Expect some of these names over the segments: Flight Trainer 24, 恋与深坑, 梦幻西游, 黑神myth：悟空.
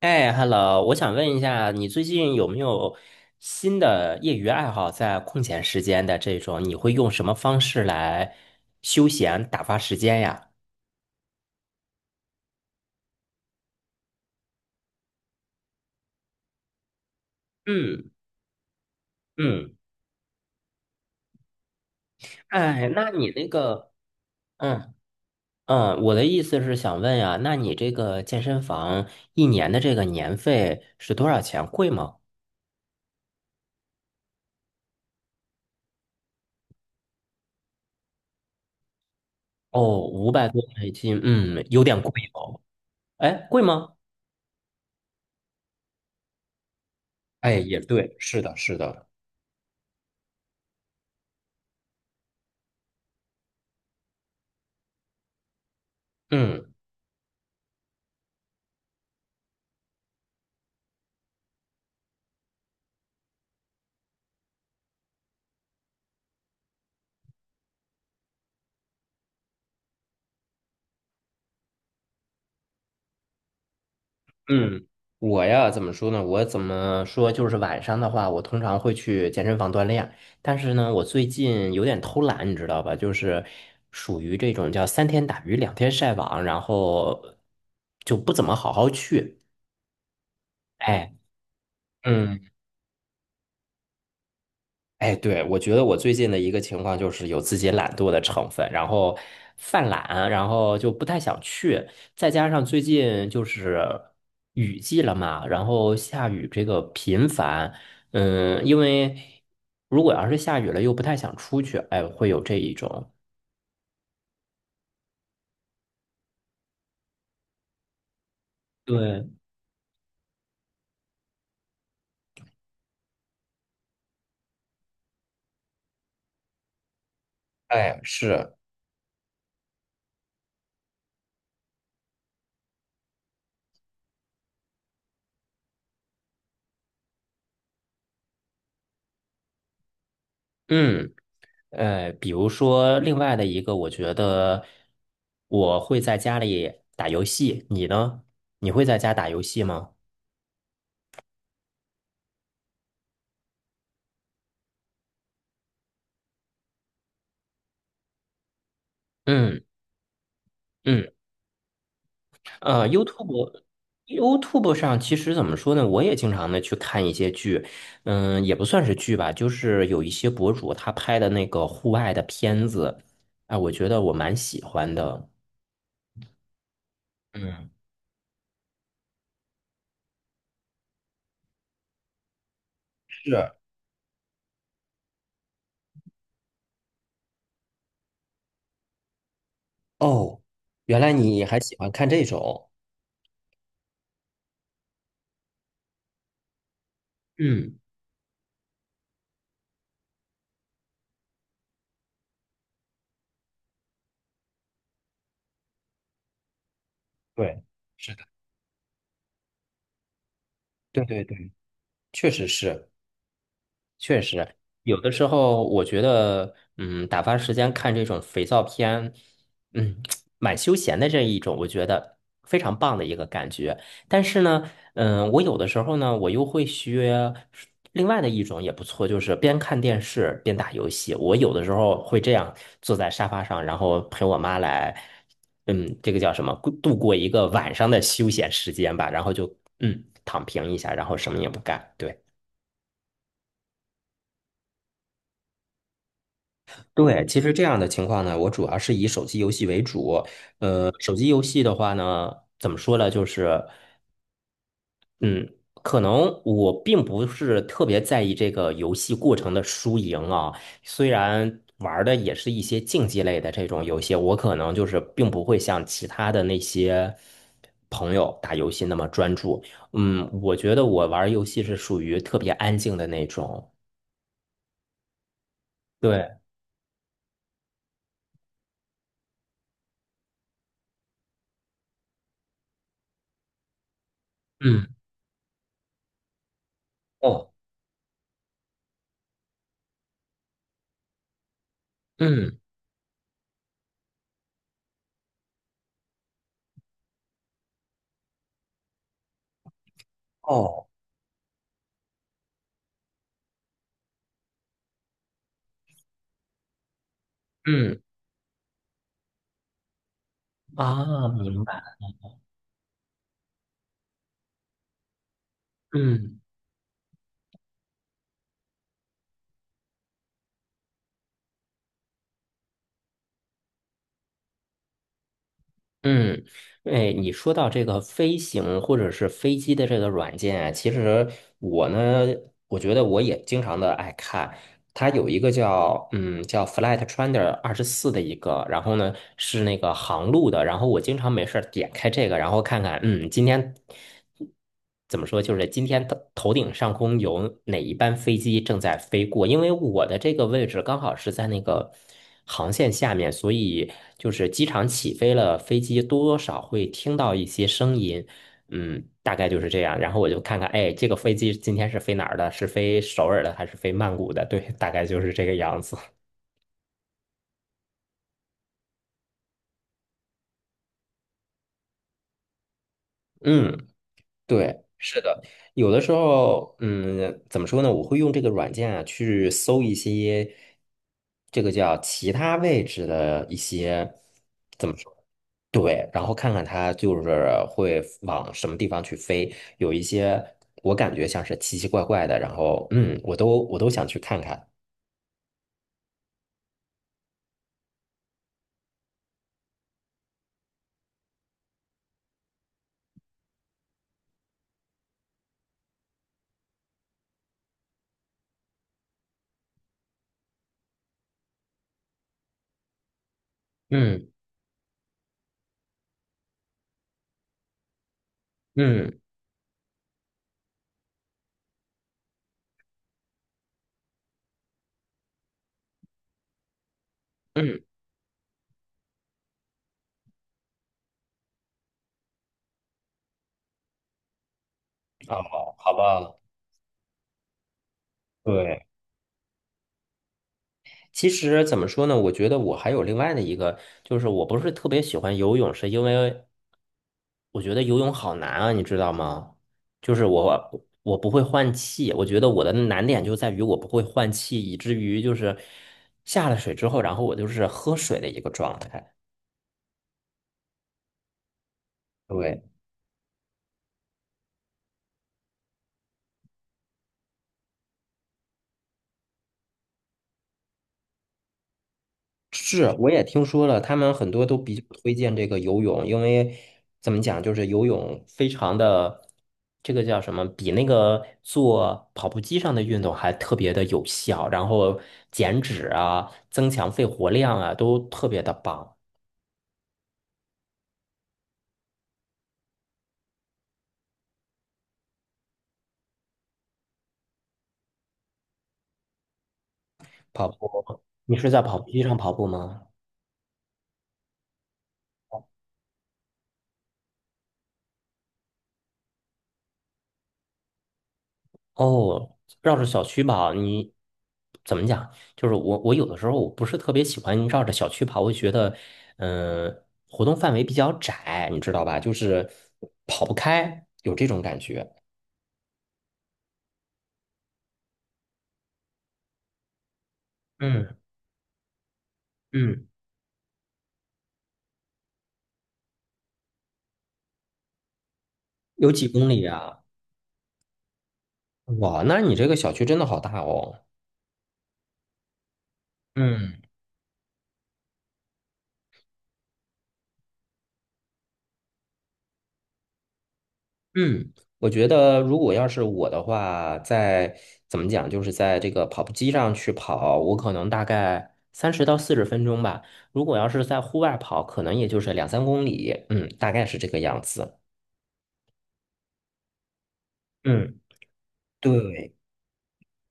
哎，Hello，我想问一下，你最近有没有新的业余爱好？在空闲时间的这种，你会用什么方式来休闲打发时间呀？嗯嗯，哎，那你那个，嗯嗯，我的意思是想问呀，那你这个健身房1年的这个年费是多少钱？贵吗？哦，500多美金，嗯，有点贵哦。哎，贵吗？哎，也对，是的，是的，嗯。嗯，我呀，怎么说呢？我怎么说？就是晚上的话，我通常会去健身房锻炼。但是呢，我最近有点偷懒，你知道吧？就是属于这种叫三天打鱼两天晒网，然后就不怎么好好去。哎，嗯。哎，对，我觉得我最近的一个情况就是有自己懒惰的成分，然后犯懒，然后就不太想去，再加上最近就是雨季了嘛，然后下雨这个频繁，嗯，因为如果要是下雨了又不太想出去，哎，会有这一种。对，哎，是。嗯，比如说另外的一个，我觉得我会在家里打游戏，你呢？你会在家打游戏吗？嗯。嗯，呃，YouTube YouTube 上其实怎么说呢，我也经常的去看一些剧，嗯，也不算是剧吧，就是有一些博主他拍的那个户外的片子，哎，我觉得我蛮喜欢的。嗯，哦，原来你还喜欢看这种。嗯，对，对，是的，对对对，确实是。确实，有的时候我觉得，打发时间看这种肥皂片，嗯，蛮休闲的这一种，我觉得非常棒的一个感觉。但是呢，我有的时候呢，我又会学另外的一种也不错，就是边看电视边打游戏。我有的时候会这样坐在沙发上，然后陪我妈来，这个叫什么，过一个晚上的休闲时间吧，然后就躺平一下，然后什么也不干，对。对，其实这样的情况呢，我主要是以手机游戏为主。手机游戏的话呢，怎么说呢？就是，嗯，可能我并不是特别在意这个游戏过程的输赢啊。虽然玩儿的也是一些竞技类的这种游戏，我可能就是并不会像其他的那些朋友打游戏那么专注。嗯，我觉得我玩儿游戏是属于特别安静的那种。对，嗯，哦，嗯，哦，嗯。啊，明白。嗯嗯，哎，你说到这个飞行或者是飞机的这个软件啊，其实我呢，我觉得我也经常的爱看。它有一个叫叫 Flight Trainer 24的一个，然后呢是那个航路的，然后我经常没事儿点开这个，然后看看今天。怎么说，就是今天的头顶上空有哪一班飞机正在飞过？因为我的这个位置刚好是在那个航线下面，所以就是机场起飞了，飞机多多少会听到一些声音，嗯，大概就是这样。然后我就看看，哎，这个飞机今天是飞哪儿的？是飞首尔的还是飞曼谷的？对，大概就是这个样子。嗯对，是的，有的时候，嗯，怎么说呢？我会用这个软件啊，去搜一些这个叫其他位置的一些怎么说？对，然后看看它就是会往什么地方去飞。有一些我感觉像是奇奇怪怪的，然后我都想去看看。嗯嗯嗯，哦，好吧，对。其实怎么说呢？我觉得我还有另外的一个，就是我不是特别喜欢游泳，是因为我觉得游泳好难啊，你知道吗？就是我不会换气，我觉得我的难点就在于我不会换气，以至于就是下了水之后，然后我就是喝水的一个状态。对。是，我也听说了，他们很多都比较推荐这个游泳，因为怎么讲，就是游泳非常的，这个叫什么，比那个做跑步机上的运动还特别的有效，然后减脂啊、增强肺活量啊，都特别的棒。跑步，你是在跑步机上跑步吗？哦，绕着小区跑，你怎么讲？就是我，我有的时候我不是特别喜欢绕着小区跑，我觉得，嗯、活动范围比较窄，你知道吧？就是跑不开，有这种感觉。嗯嗯，有几公里啊？哇，那你这个小区真的好大哦。嗯。嗯，我觉得如果要是我的话，在怎么讲，就是在这个跑步机上去跑，我可能大概三十到四十分钟吧。如果要是在户外跑，可能也就是2、3公里，嗯，大概是这个样子。嗯，对，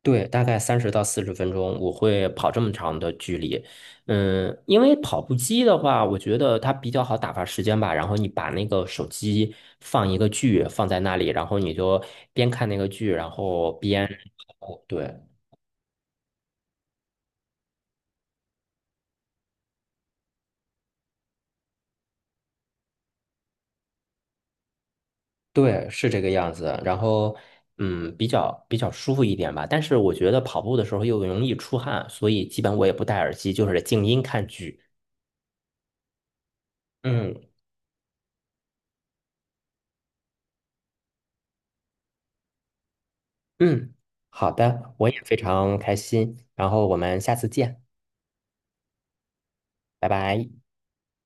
对，大概三十到四十分钟，我会跑这么长的距离。嗯，因为跑步机的话，我觉得它比较好打发时间吧。然后你把那个手机放一个剧放在那里，然后你就边看那个剧，然后边跑。对对，是这个样子。然后比较舒服一点吧。但是我觉得跑步的时候又容易出汗，所以基本我也不戴耳机，就是静音看剧。嗯嗯，好的，我也非常开心。然后我们下次见。拜拜。